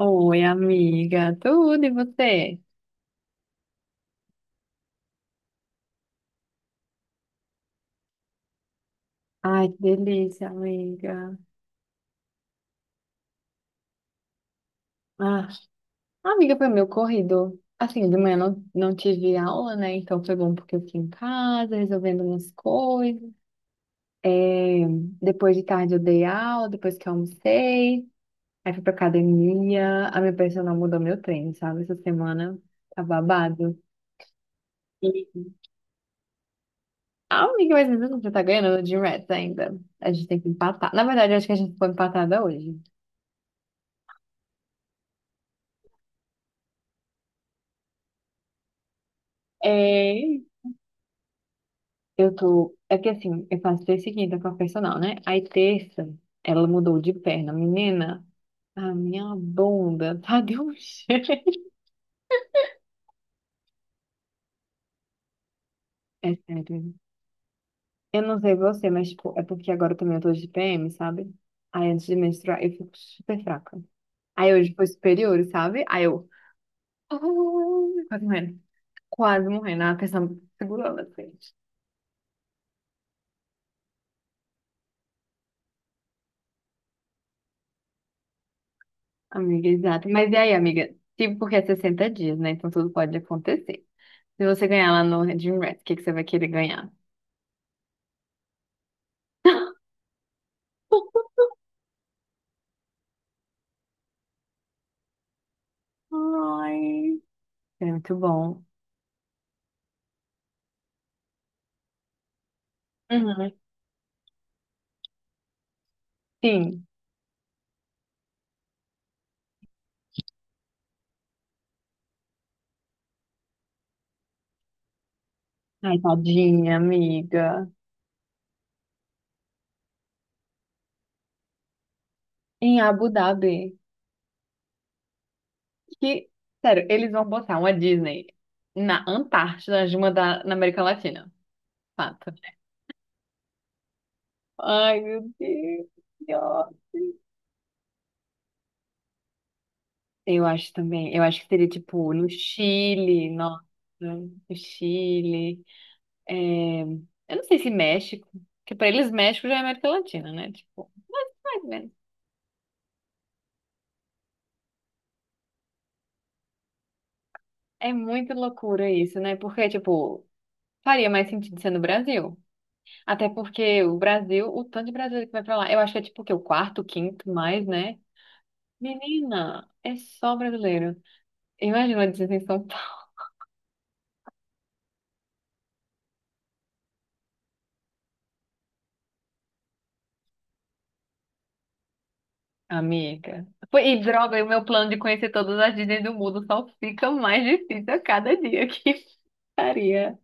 Oi, amiga, tudo e você? Ai, que delícia, amiga. Ah, amiga, foi meu corrido. Assim, de manhã não tive aula, né? Então foi bom porque eu fiquei em casa resolvendo umas coisas. É, depois de tarde eu dei aula, depois que eu almocei. Aí fui pra academia. A minha personal mudou meu treino, sabe? Essa semana tá babado. E, ah, amiga, mas às vezes você tá ganhando de Rats ainda. A gente tem que empatar. Na verdade, eu acho que a gente foi empatada hoje. É. Eu tô. É que assim, eu faço terça e quinta com a personal, né? Aí terça, ela mudou de perna. Menina, a minha bunda tá de um jeito. É sério. Eu não sei você, mas tipo, é porque agora também eu tô de PM, sabe? Aí antes de menstruar, eu fico super fraca. Aí hoje foi superior, sabe? Aí eu. Ai, quase morrendo. Quase morrendo. A pessoa me segurando assim. Amiga, exato. Mas e aí, amiga? Tipo, porque é 60 dias, né? Então tudo pode acontecer. Se você ganhar lá no Dream Race, o que você vai querer ganhar? Ai. É muito bom. Uhum. Sim. Ai, tadinha, amiga. Em Abu Dhabi. Que, sério, eles vão botar uma Disney na Antártida, na América Latina. Fato. Ai, meu Deus. Eu acho também. Eu acho que seria tipo no Chile, nossa, no Chile. É, eu não sei se México, porque pra eles México já é América Latina, né? Tipo, mais ou menos. É muita loucura isso, né? Porque, tipo, faria mais sentido ser no Brasil. Até porque o Brasil, o tanto de brasileiro que vai pra lá, eu acho que é tipo o quê? O quarto, quinto mais, né? Menina, é só brasileiro. Imagina a desinfecção. Amiga. Pô, e droga, e o meu plano de conhecer todas as Disney do mundo só fica mais difícil a cada dia que faria.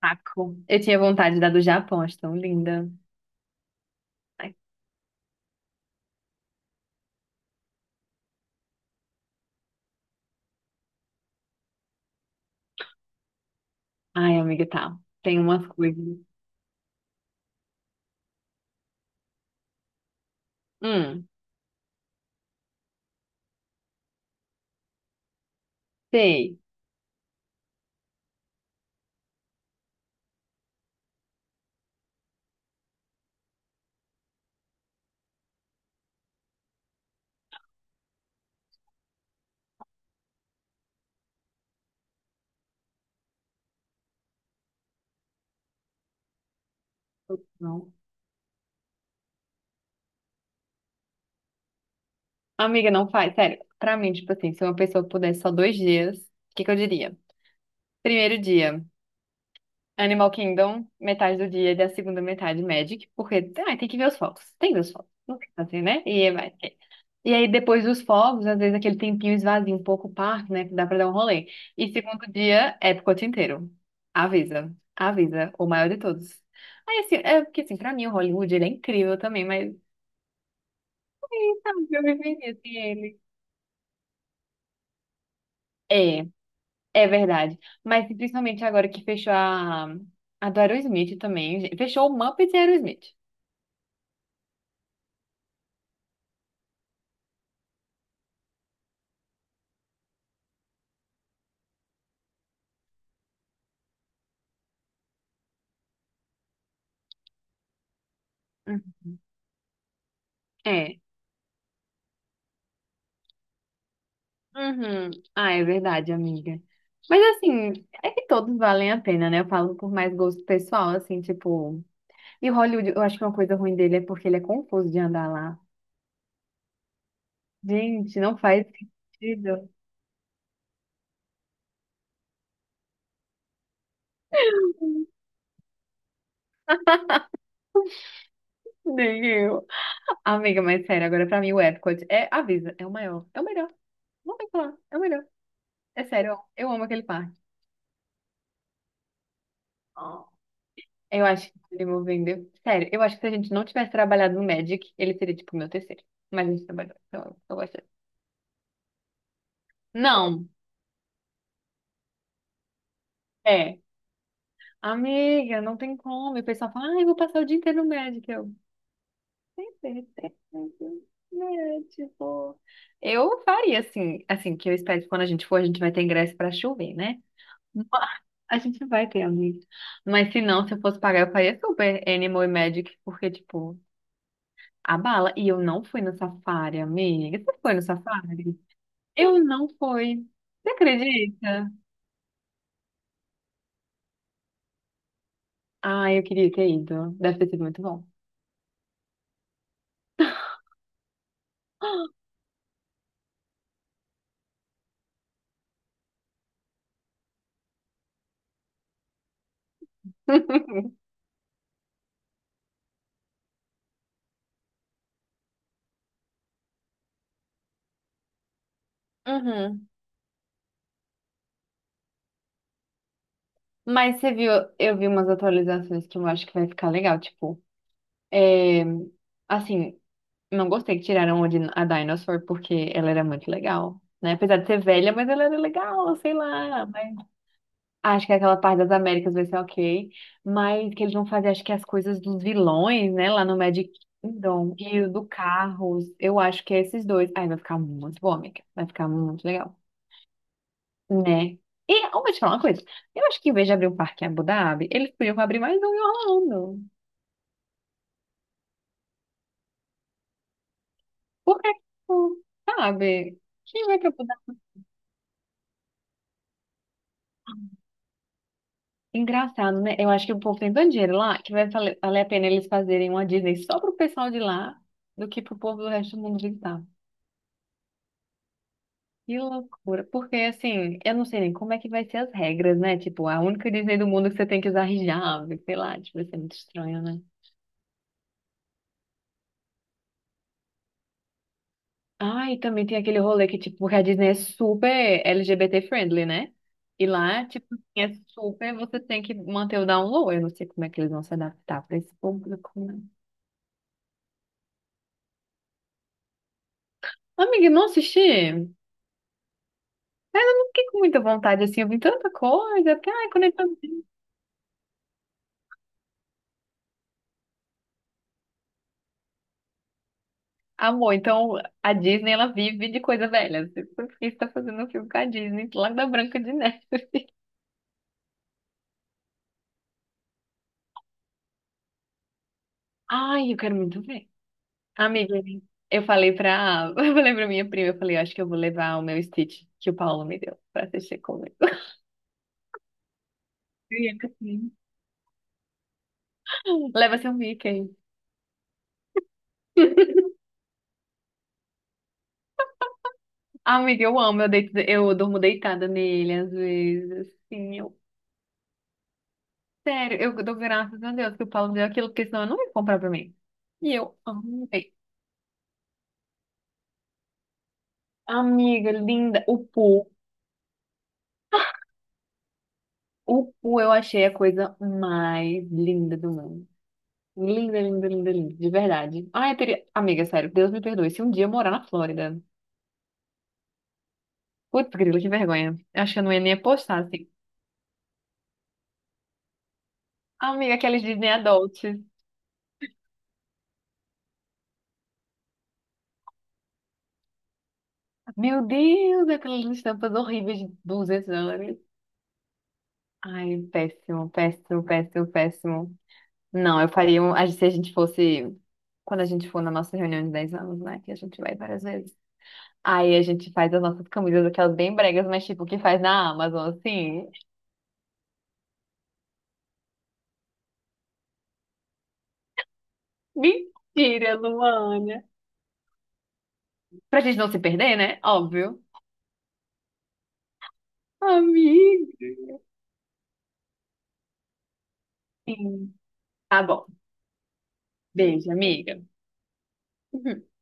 Saco. Eu tinha vontade da do Japão, acho tão linda. Ai, ai, amiga, tá. Tem umas coisas. Hum, sei. Não. Amiga, não faz. Sério, pra mim, tipo assim, se uma pessoa pudesse só dois dias, o que eu diria? Primeiro dia, Animal Kingdom, metade do dia e a segunda metade Magic, porque ai, tem que ver os focos. Tem que ver os focos. Não tem que fazer, né? E vai. E aí, depois dos fogos, às vezes aquele tempinho esvazia um pouco o parque, né? Que dá pra dar um rolê. E segundo dia, Epcot inteiro. Avisa, avisa, o maior de todos. Aí, assim, é porque, assim, pra mim o Hollywood, ele é incrível também, mas sabe que eu vivi assim ele. É, é verdade. Mas principalmente agora que fechou a do Aerosmith também. Gente. Fechou o Muppets e Aerosmith. Uhum. É. Uhum. Ah, é verdade, amiga. Mas assim, é que todos valem a pena, né? Eu falo por mais gosto pessoal, assim, tipo. E Hollywood, eu acho que uma coisa ruim dele é porque ele é confuso de andar lá. Gente, não faz sentido. Nem eu. Amiga, mas sério, agora pra mim o Epcot é, avisa, é o maior, é o melhor. Não tem o que falar, é o melhor. É sério, ó, eu amo aquele parque. Ó, eu acho que ele me vendeu. Sério, eu acho que se a gente não tivesse trabalhado no Magic, ele seria tipo o meu terceiro. Mas a gente trabalhou, então eu gosto dele. Não, é. Amiga, não tem como. E o pessoal fala, ah, eu vou passar o dia inteiro no Magic. Eu. Tem certeza, né, tipo, eu faria assim, que eu espero que quando a gente for, a gente vai ter ingresso pra chover, né? Mas a gente vai ter, amigo. Mas se não, se eu fosse pagar, eu faria super Animal e Magic, porque, tipo, a bala. E eu não fui no safari, amiga. Você foi no safari? Eu não fui. Você acredita? Ah, eu queria ter ido. Deve ter sido muito bom. Uhum. Mas você viu, eu vi umas atualizações que eu acho que vai ficar legal, tipo. É, assim, não gostei que tiraram a a Dinosaur porque ela era muito legal, né? Apesar de ser velha, mas ela era legal, sei lá. Mas... acho que aquela parte das Américas vai ser ok, mas que eles vão fazer, acho que as coisas dos vilões, né? Lá no Magic Kingdom e o do Carros, eu acho que é esses dois. Ai, vai ficar muito bom, amiga. Vai ficar muito legal, né? E eu vou te falar uma coisa. Eu acho que em vez de abrir um parque em Abu Dhabi, eles podiam abrir mais um em Orlando. Porque, tipo, sabe? Quem vai pra engraçado, né? Eu acho que o povo tem tanto dinheiro lá que vai vale valer a pena eles fazerem uma Disney só pro pessoal de lá do que pro povo do resto do mundo visitar. Que loucura. Porque, assim, eu não sei nem como é que vai ser as regras, né? Tipo, a única Disney do mundo que você tem que usar hijab, sei lá, tipo, vai ser muito estranho, né? Ah, e também tem aquele rolê que, tipo, porque a Disney é super LGBT friendly, né? E lá, tipo, é super, você tem que manter o down low. Eu não sei como é que eles vão se adaptar pra esse público, né? Amiga, não assisti? Fiquei com muita vontade, assim, eu vi tanta coisa, porque, ai, quando ele tá... Amor, então a Disney, ela vive de coisa velha. Assim, por que você tá fazendo um filme com a Disney, lá da Branca de Neve? Ai, eu quero muito ver. Amiga, eu falei pra... Eu falei pra minha prima, eu falei, eu acho que eu vou levar o meu Stitch que o Paulo me deu pra assistir comigo. Criança, sim. Leva seu Mickey. Ah, amiga, eu amo, eu, deito, eu durmo deitada nele às vezes, assim, eu sério, eu dou graças a Deus que o Paulo deu aquilo, porque senão eu não ia comprar pra mim. E eu amei. Amiga linda, o Pu. O Pu eu achei a coisa mais linda do mundo. Linda, linda, linda, linda, de verdade. Ai, eu teria... Amiga, sério, Deus me perdoe. Se um dia eu morar na Flórida. Putz, grilo, que vergonha. Eu acho que eu não ia nem postar assim. Amiga, aqueles Disney Adults. Meu Deus, aquelas estampas horríveis de 200 dólares. Ai, péssimo, péssimo, péssimo, péssimo. Não, eu faria um. Se a gente fosse. Quando a gente for na nossa reunião de 10 anos, né? Que a gente vai várias vezes. Aí a gente faz as nossas camisas, aquelas bem bregas, mas tipo, que faz na Amazon, assim. Mentira, Luana. Pra gente não se perder, né? Óbvio. Amiga. Sim. Tá bom. Beijo, amiga.